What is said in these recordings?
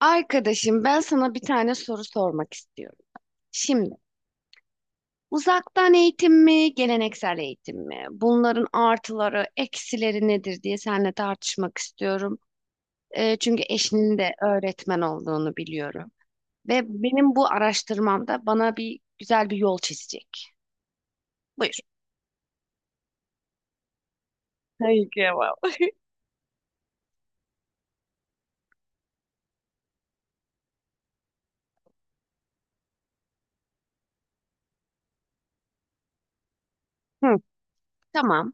Arkadaşım ben sana bir tane soru sormak istiyorum. Şimdi uzaktan eğitim mi, geleneksel eğitim mi? Bunların artıları, eksileri nedir diye seninle tartışmak istiyorum. Çünkü eşinin de öğretmen olduğunu biliyorum. Ve benim bu araştırmamda bana bir güzel bir yol çizecek. Buyur. Hayır, kıyamam. Hı, tamam.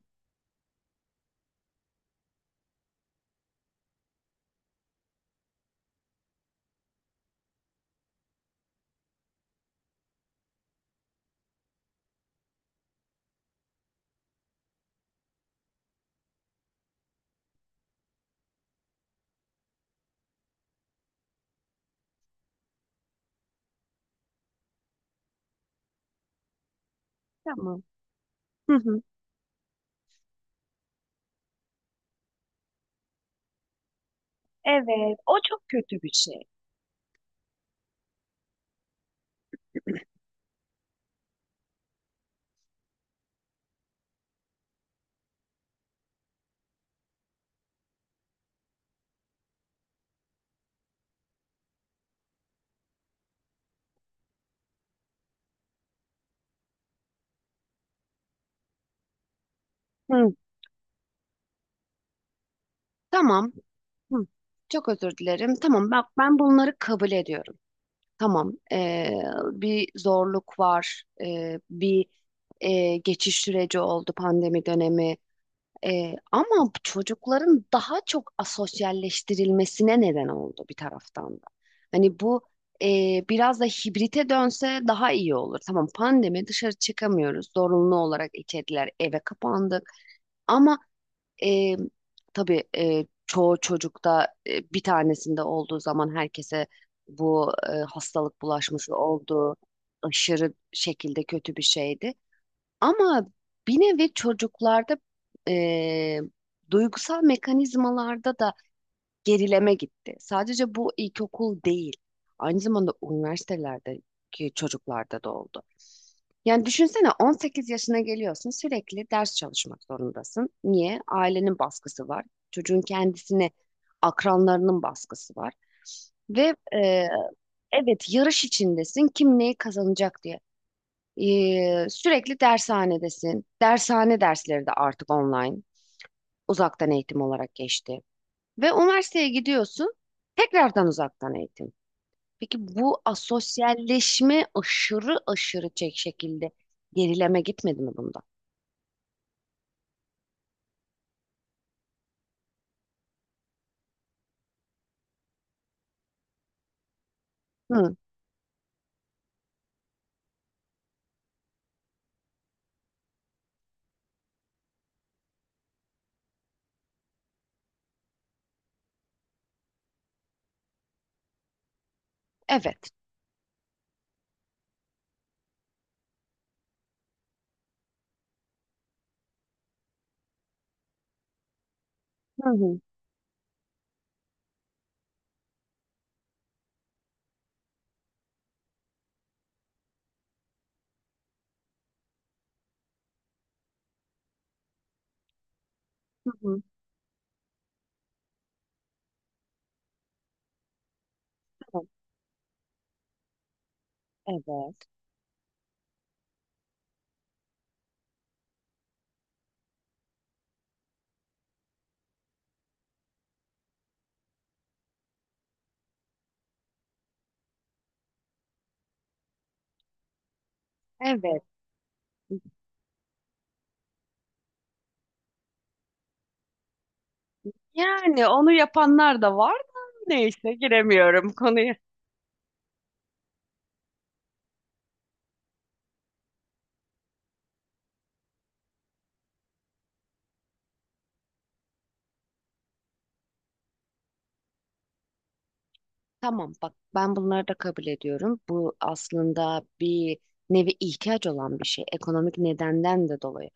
Tamam. Hı hı. Evet, o çok kötü bir şey. Hı, tamam. Hı, çok özür dilerim. Tamam, bak ben bunları kabul ediyorum. Tamam. Bir zorluk var. Bir Geçiş süreci oldu pandemi dönemi. Ama bu çocukların daha çok asosyalleştirilmesine neden oldu bir taraftan da. Hani bu biraz da hibrite dönse daha iyi olur. Tamam, pandemi dışarı çıkamıyoruz. Zorunlu olarak içeriler eve kapandık. Ama e, tabii çoğu çocukta bir tanesinde olduğu zaman herkese bu hastalık bulaşması olduğu aşırı şekilde kötü bir şeydi. Ama bir nevi çocuklarda e, duygusal mekanizmalarda da gerileme gitti. Sadece bu ilkokul değil. Aynı zamanda üniversitelerdeki çocuklarda da oldu. Yani düşünsene, 18 yaşına geliyorsun sürekli ders çalışmak zorundasın. Niye? Ailenin baskısı var. Çocuğun kendisine akranlarının baskısı var. Ve e, evet, yarış içindesin kim neyi kazanacak diye. Sürekli dershanedesin. Dershane dersleri de artık online, uzaktan eğitim olarak geçti. Ve üniversiteye gidiyorsun, tekrardan uzaktan eğitim. Peki bu asosyalleşme aşırı aşırı çek şekilde gerileme gitmedi mi bunda? Hı, evet. Hı hı. Hı hı. Tamam. Evet. Evet. Yani onu yapanlar da var da neyse giremiyorum konuya. Tamam, bak ben bunları da kabul ediyorum. Bu aslında bir nevi ihtiyaç olan bir şey. Ekonomik nedenden de dolayı.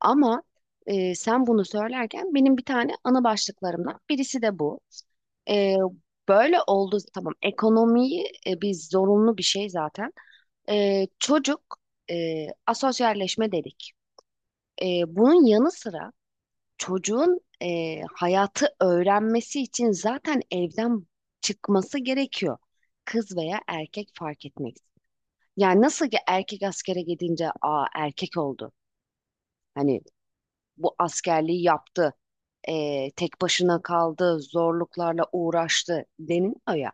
Ama Sen bunu söylerken benim bir tane ana başlıklarımdan birisi de bu. E, Böyle oldu, tamam ekonomiyi biz zorunlu bir şey zaten. Çocuk asosyalleşme dedik. E, Bunun yanı sıra çocuğun hayatı öğrenmesi için zaten evden çıkması gerekiyor. Kız veya erkek fark etmek. Yani nasıl ki erkek askere gidince aa erkek oldu. Hani bu askerliği yaptı. Tek başına kaldı, zorluklarla uğraştı deniliyor ya.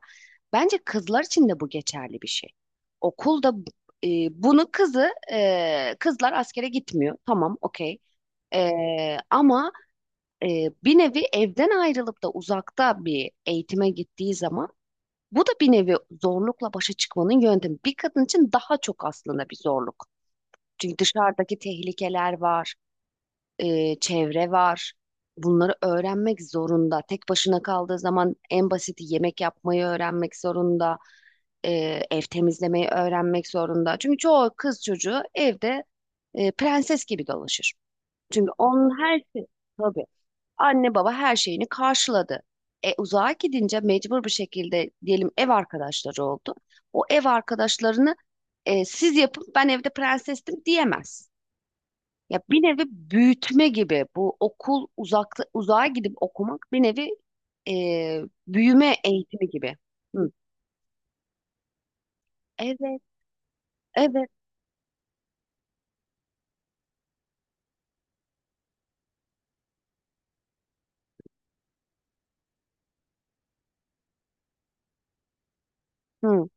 Bence kızlar için de bu geçerli bir şey. Okulda e, kızlar askere gitmiyor. Tamam, okey. Ama e, bir nevi evden ayrılıp da uzakta bir eğitime gittiği zaman bu da bir nevi zorlukla başa çıkmanın yöntemi. Bir kadın için daha çok aslında bir zorluk. Çünkü dışarıdaki tehlikeler var, çevre var. Bunları öğrenmek zorunda. Tek başına kaldığı zaman en basiti yemek yapmayı öğrenmek zorunda. e, Ev temizlemeyi öğrenmek zorunda. Çünkü çoğu kız çocuğu evde prenses gibi dolaşır. Çünkü onun her şey... Tabii. Anne baba her şeyini karşıladı. Uzağa gidince mecbur bir şekilde diyelim ev arkadaşları oldu. O ev arkadaşlarını siz yapın ben evde prensestim diyemez. Ya bir nevi büyütme gibi, bu okul uzakta uzağa gidip okumak bir nevi büyüme eğitimi gibi. Hı. Evet, evet. Hı.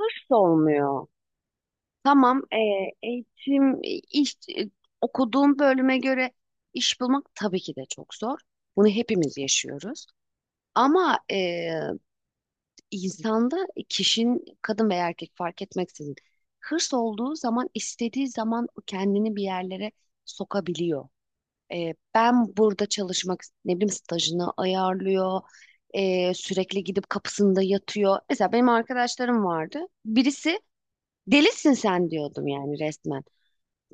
Hiç olmuyor. Tamam, eğitim, iş, okuduğum bölüme göre iş bulmak tabii ki de çok zor. Bunu hepimiz yaşıyoruz. Ama e, insanda kişinin kadın veya erkek fark etmeksizin hırs olduğu zaman istediği zaman kendini bir yerlere sokabiliyor. Ben burada çalışmak, ne bileyim stajını ayarlıyor. Sürekli gidip kapısında yatıyor. Mesela benim arkadaşlarım vardı. Birisi delisin sen diyordum yani resmen.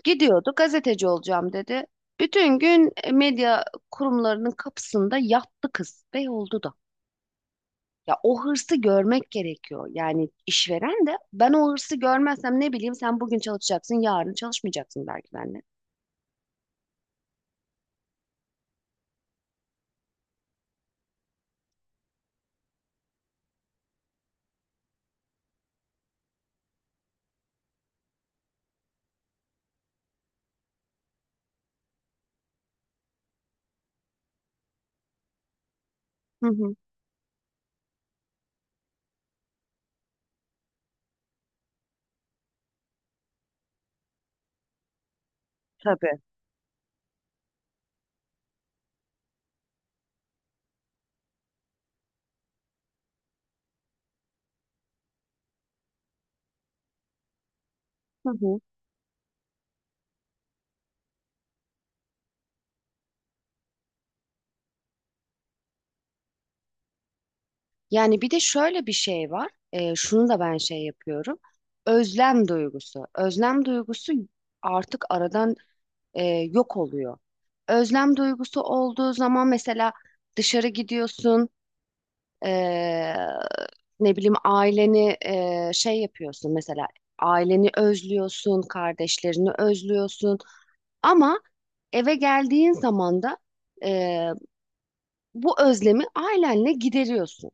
Gidiyordu, gazeteci olacağım dedi. Bütün gün medya kurumlarının kapısında yattı kız ve oldu da. Ya o hırsı görmek gerekiyor. Yani işveren de ben o hırsı görmezsem ne bileyim sen bugün çalışacaksın, yarın çalışmayacaksın belki benimle. Hı hı. Tabii. Hı hı. Yani bir de şöyle bir şey var. Şunu da ben şey yapıyorum. Özlem duygusu. Özlem duygusu artık aradan e, yok oluyor. Özlem duygusu olduğu zaman mesela dışarı gidiyorsun. Ee, Ne bileyim aileni şey yapıyorsun, mesela aileni özlüyorsun, kardeşlerini özlüyorsun ama eve geldiğin zaman da e, bu özlemi ailenle gideriyorsun.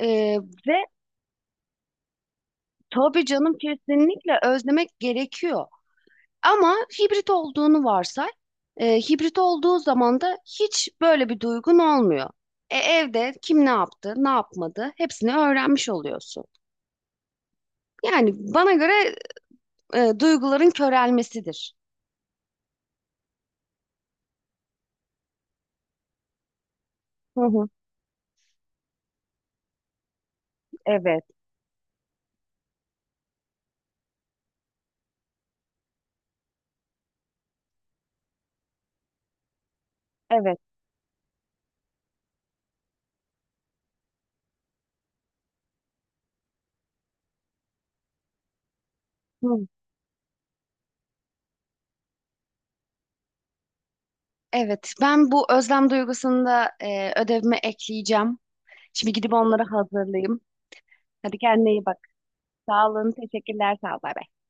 E, Ve tabii canım kesinlikle özlemek gerekiyor ama hibrit olduğunu varsay. Hibrit olduğu zaman da hiç böyle bir duygun olmuyor. Evde kim ne yaptı, ne yapmadı hepsini öğrenmiş oluyorsun. Yani bana göre duyguların körelmesidir. Hı hı. Evet, evet. Hı. Evet, ben bu özlem duygusunu da ödevime ekleyeceğim. Şimdi gidip onları hazırlayayım. Hadi kendine iyi bak. Sağ olun, teşekkürler, sağ ol. Bay bay.